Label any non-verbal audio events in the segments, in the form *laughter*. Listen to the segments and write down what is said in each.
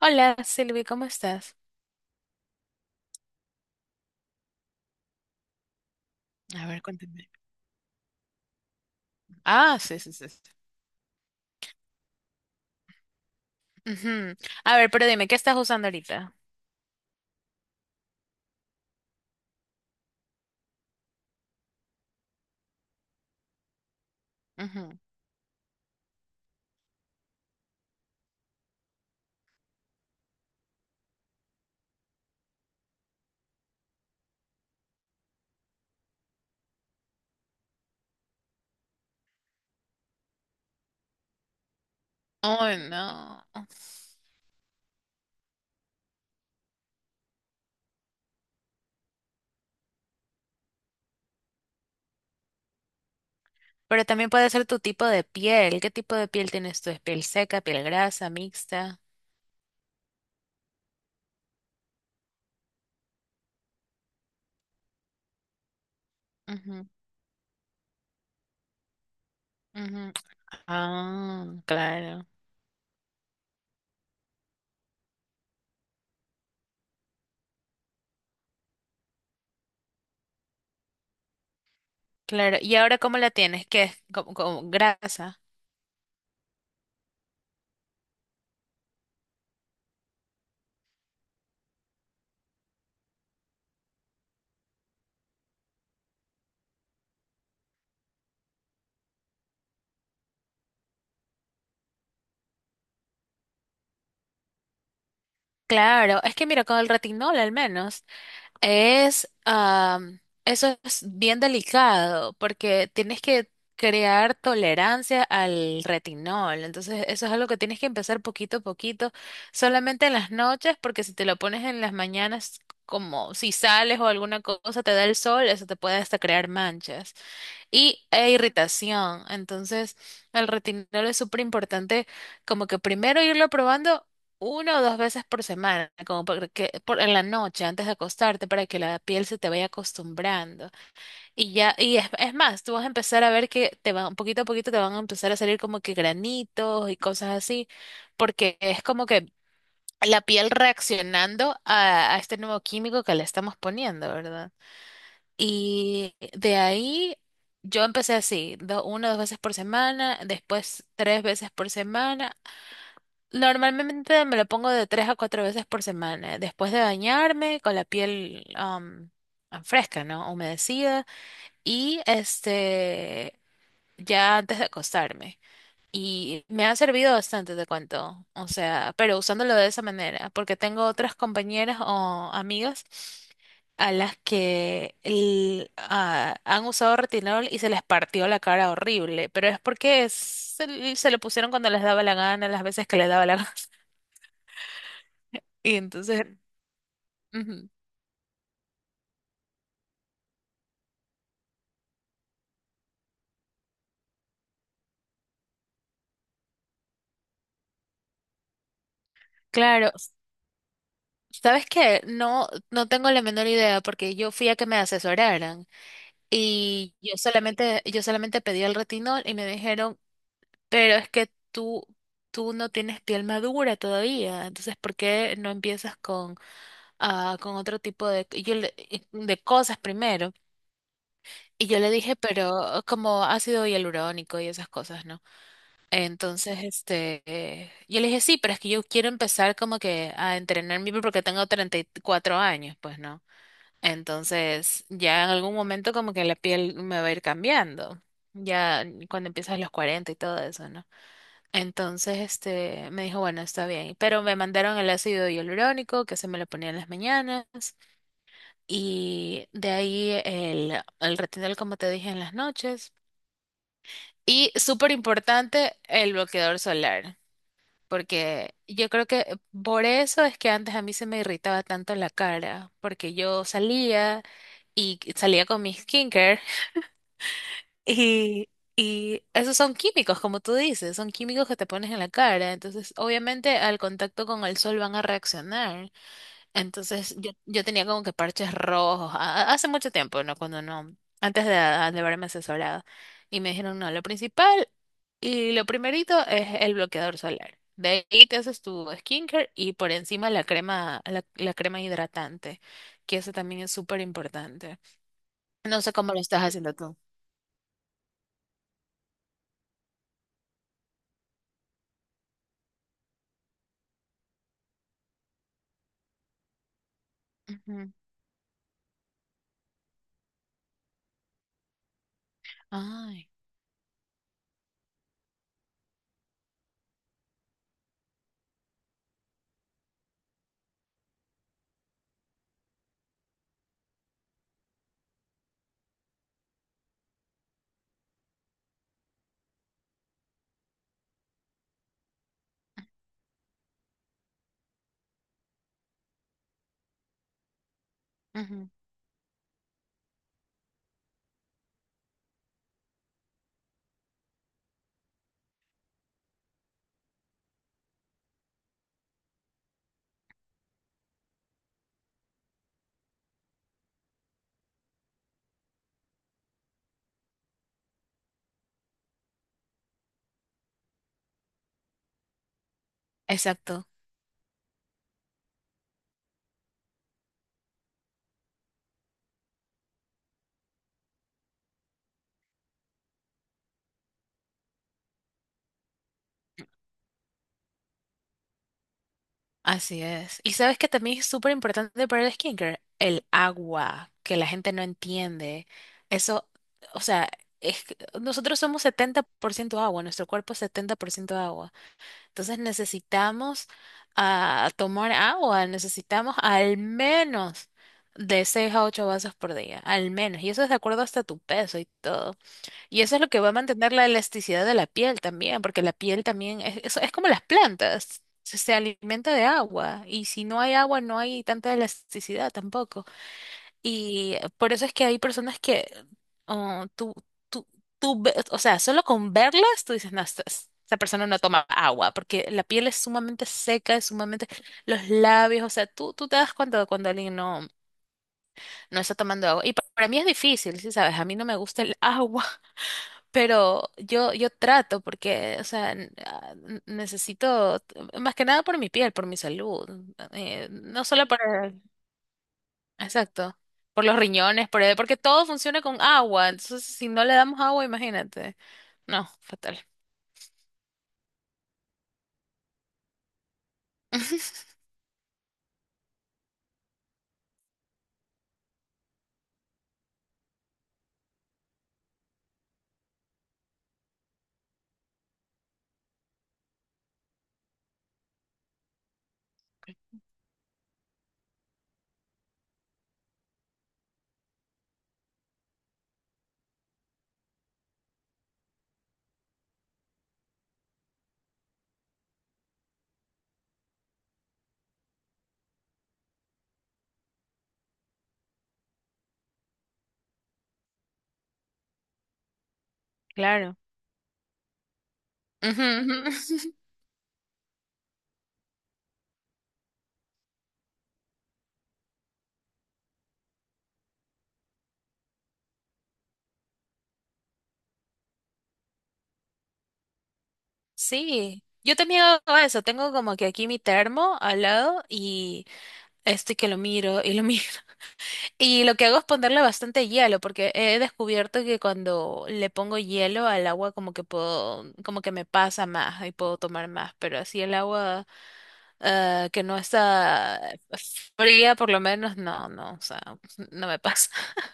Hola, Silvi, ¿cómo estás? A ver, cuéntame. Ah, sí, sí, sí, sí. Ujú. A ver, pero dime, ¿qué estás usando ahorita? Ujú. Oh, no. Pero también puede ser tu tipo de piel. ¿Qué tipo de piel tienes tú? ¿Es piel seca, piel grasa, mixta? Ujú, ujú. Ah, claro. Claro. ¿Y ahora cómo la tienes? ¿Qué es? ¿Como grasa? Claro. Es que mira, con el retinol al menos. Eso es bien delicado porque tienes que crear tolerancia al retinol. Entonces, eso es algo que tienes que empezar poquito a poquito, solamente en las noches, porque si te lo pones en las mañanas, como si sales o alguna cosa, te da el sol, eso te puede hasta crear manchas e irritación. Entonces, el retinol es súper importante, como que primero irlo probando una o dos veces por semana, como para que en la noche antes de acostarte, para que la piel se te vaya acostumbrando. Y ya, y es más, tú vas a empezar a ver que te van, poquito a poquito te van a empezar a salir como que granitos y cosas así, porque es como que la piel reaccionando a este nuevo químico que le estamos poniendo, ¿verdad? Y de ahí yo empecé así, una o dos veces por semana, después tres veces por semana. Normalmente me lo pongo de tres a cuatro veces por semana, después de bañarme con la piel fresca, ¿no? Humedecida. Y este, ya antes de acostarme. Y me ha servido bastante, te cuento. O sea, pero usándolo de esa manera, porque tengo otras compañeras o amigas a las que han usado retinol y se les partió la cara horrible, pero es porque se lo pusieron cuando les daba la gana, las veces que les daba la gana. *laughs* Y entonces, ujú. Claro, ¿sabes qué? No, no tengo la menor idea porque yo fui a que me asesoraran. Y yo solamente pedí el retinol y me dijeron, pero es que tú no tienes piel madura todavía, entonces ¿por qué no empiezas con otro tipo de, de cosas primero? Y yo le dije, pero como ácido hialurónico y esas cosas, ¿no? Entonces, este, yo le dije, sí, pero es que yo quiero empezar como que a entrenar mi piel porque tengo 34 años, pues, ¿no? Entonces, ya en algún momento como que la piel me va a ir cambiando, ya cuando empiezas los 40 y todo eso, ¿no? Entonces, este, me dijo, bueno, está bien, pero me mandaron el ácido hialurónico que se me lo ponía en las mañanas y de ahí el retinol, como te dije, en las noches. Y súper importante, el bloqueador solar, porque yo creo que por eso es que antes a mí se me irritaba tanto la cara, porque yo salía y salía con mi skincare. Y, y esos son químicos, como tú dices, son químicos que te pones en la cara. Entonces, obviamente, al contacto con el sol van a reaccionar. Entonces, yo tenía como que parches rojos, hace mucho tiempo, ¿no? Cuando no, antes de haberme asesorado. Y me dijeron, no, lo principal y lo primerito es el bloqueador solar. De ahí te haces tu skincare y por encima la crema, la crema hidratante, que eso también es súper importante. No sé cómo lo estás haciendo tú. Ujú. Ay. Ujú, exacto, así es. Y sabes que también es súper importante para el skincare, el agua, que la gente no entiende. Eso, o sea, es que nosotros somos 70% agua, nuestro cuerpo es 70% agua. Entonces necesitamos tomar agua, necesitamos al menos de 6 a 8 vasos por día, al menos. Y eso es de acuerdo hasta tu peso y todo. Y eso es lo que va a mantener la elasticidad de la piel también, porque la piel también es como las plantas, se alimenta de agua y si no hay agua no hay tanta elasticidad tampoco. Y por eso es que hay personas que oh, tú, o sea, solo con verlas tú dices, no, esta persona no toma agua, porque la piel es sumamente seca, es sumamente los labios, o sea, tú te das cuenta de cuando alguien no, no está tomando agua. Y para mí es difícil, sí, sabes, a mí no me gusta el agua. Pero yo trato porque, o sea, necesito, más que nada por mi piel, por mi salud, no solo exacto, por los riñones, porque todo funciona con agua, entonces si no le damos agua, imagínate. No, fatal. *laughs* Claro. Ujú, ujú. *laughs* Sí, yo también hago eso, tengo como que aquí mi termo al lado y estoy que lo miro y lo miro. Y lo que hago es ponerle bastante hielo, porque he descubierto que cuando le pongo hielo al agua como que puedo, como que me pasa más y puedo tomar más, pero así el agua que no está fría por lo menos, no, no, o sea, no me pasa. *laughs*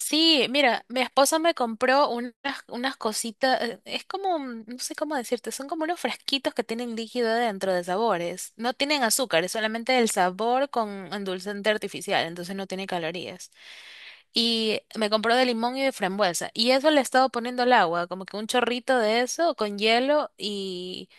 Sí, mira, mi esposa me compró unas, cositas, es como, no sé cómo decirte, son como unos fresquitos que tienen líquido dentro de sabores, no tienen azúcar, es solamente el sabor con endulzante artificial, entonces no tiene calorías. Y me compró de limón y de frambuesa. Y eso le he estado poniendo el agua, como que un chorrito de eso con hielo y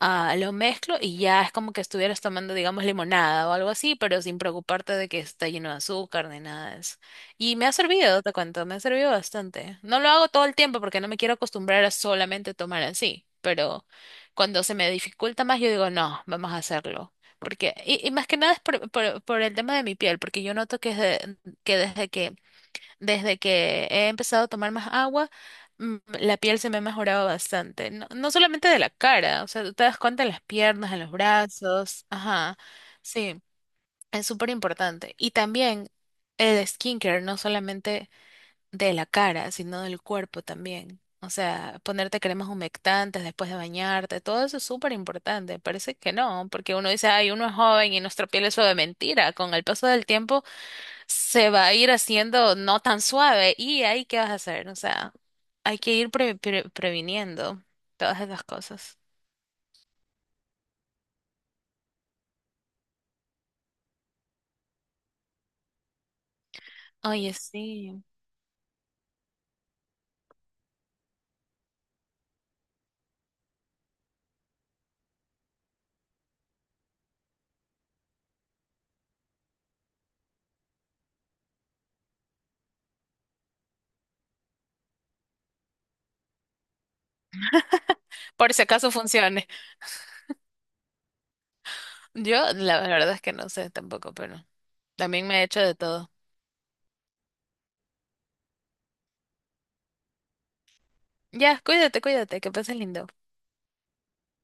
lo mezclo y ya es como que estuvieras tomando, digamos, limonada o algo así, pero sin preocuparte de que está lleno de azúcar ni nada de eso. Y me ha servido, te cuento, me ha servido bastante. No lo hago todo el tiempo porque no me quiero acostumbrar a solamente tomar así, pero cuando se me dificulta más, yo digo, no, vamos a hacerlo. Porque, y más que nada es por el tema de mi piel, porque yo noto que, que desde que desde que he empezado a tomar más agua, la piel se me ha mejorado bastante. No, no solamente de la cara, o sea, tú te das cuenta en las piernas, en los brazos. Ajá, sí, es súper importante. Y también el skincare, no solamente de la cara, sino del cuerpo también. O sea, ponerte cremas humectantes después de bañarte, todo eso es súper importante. Parece que no, porque uno dice, ay, uno es joven y nuestra piel es suave. Mentira, con el paso del tiempo se va a ir haciendo no tan suave y ahí qué vas a hacer, o sea, hay que ir previniendo todas esas cosas. Oye, sí. Por si acaso funcione. Yo la verdad es que no sé tampoco, pero también me he hecho de todo. Ya, cuídate, cuídate, que pases lindo.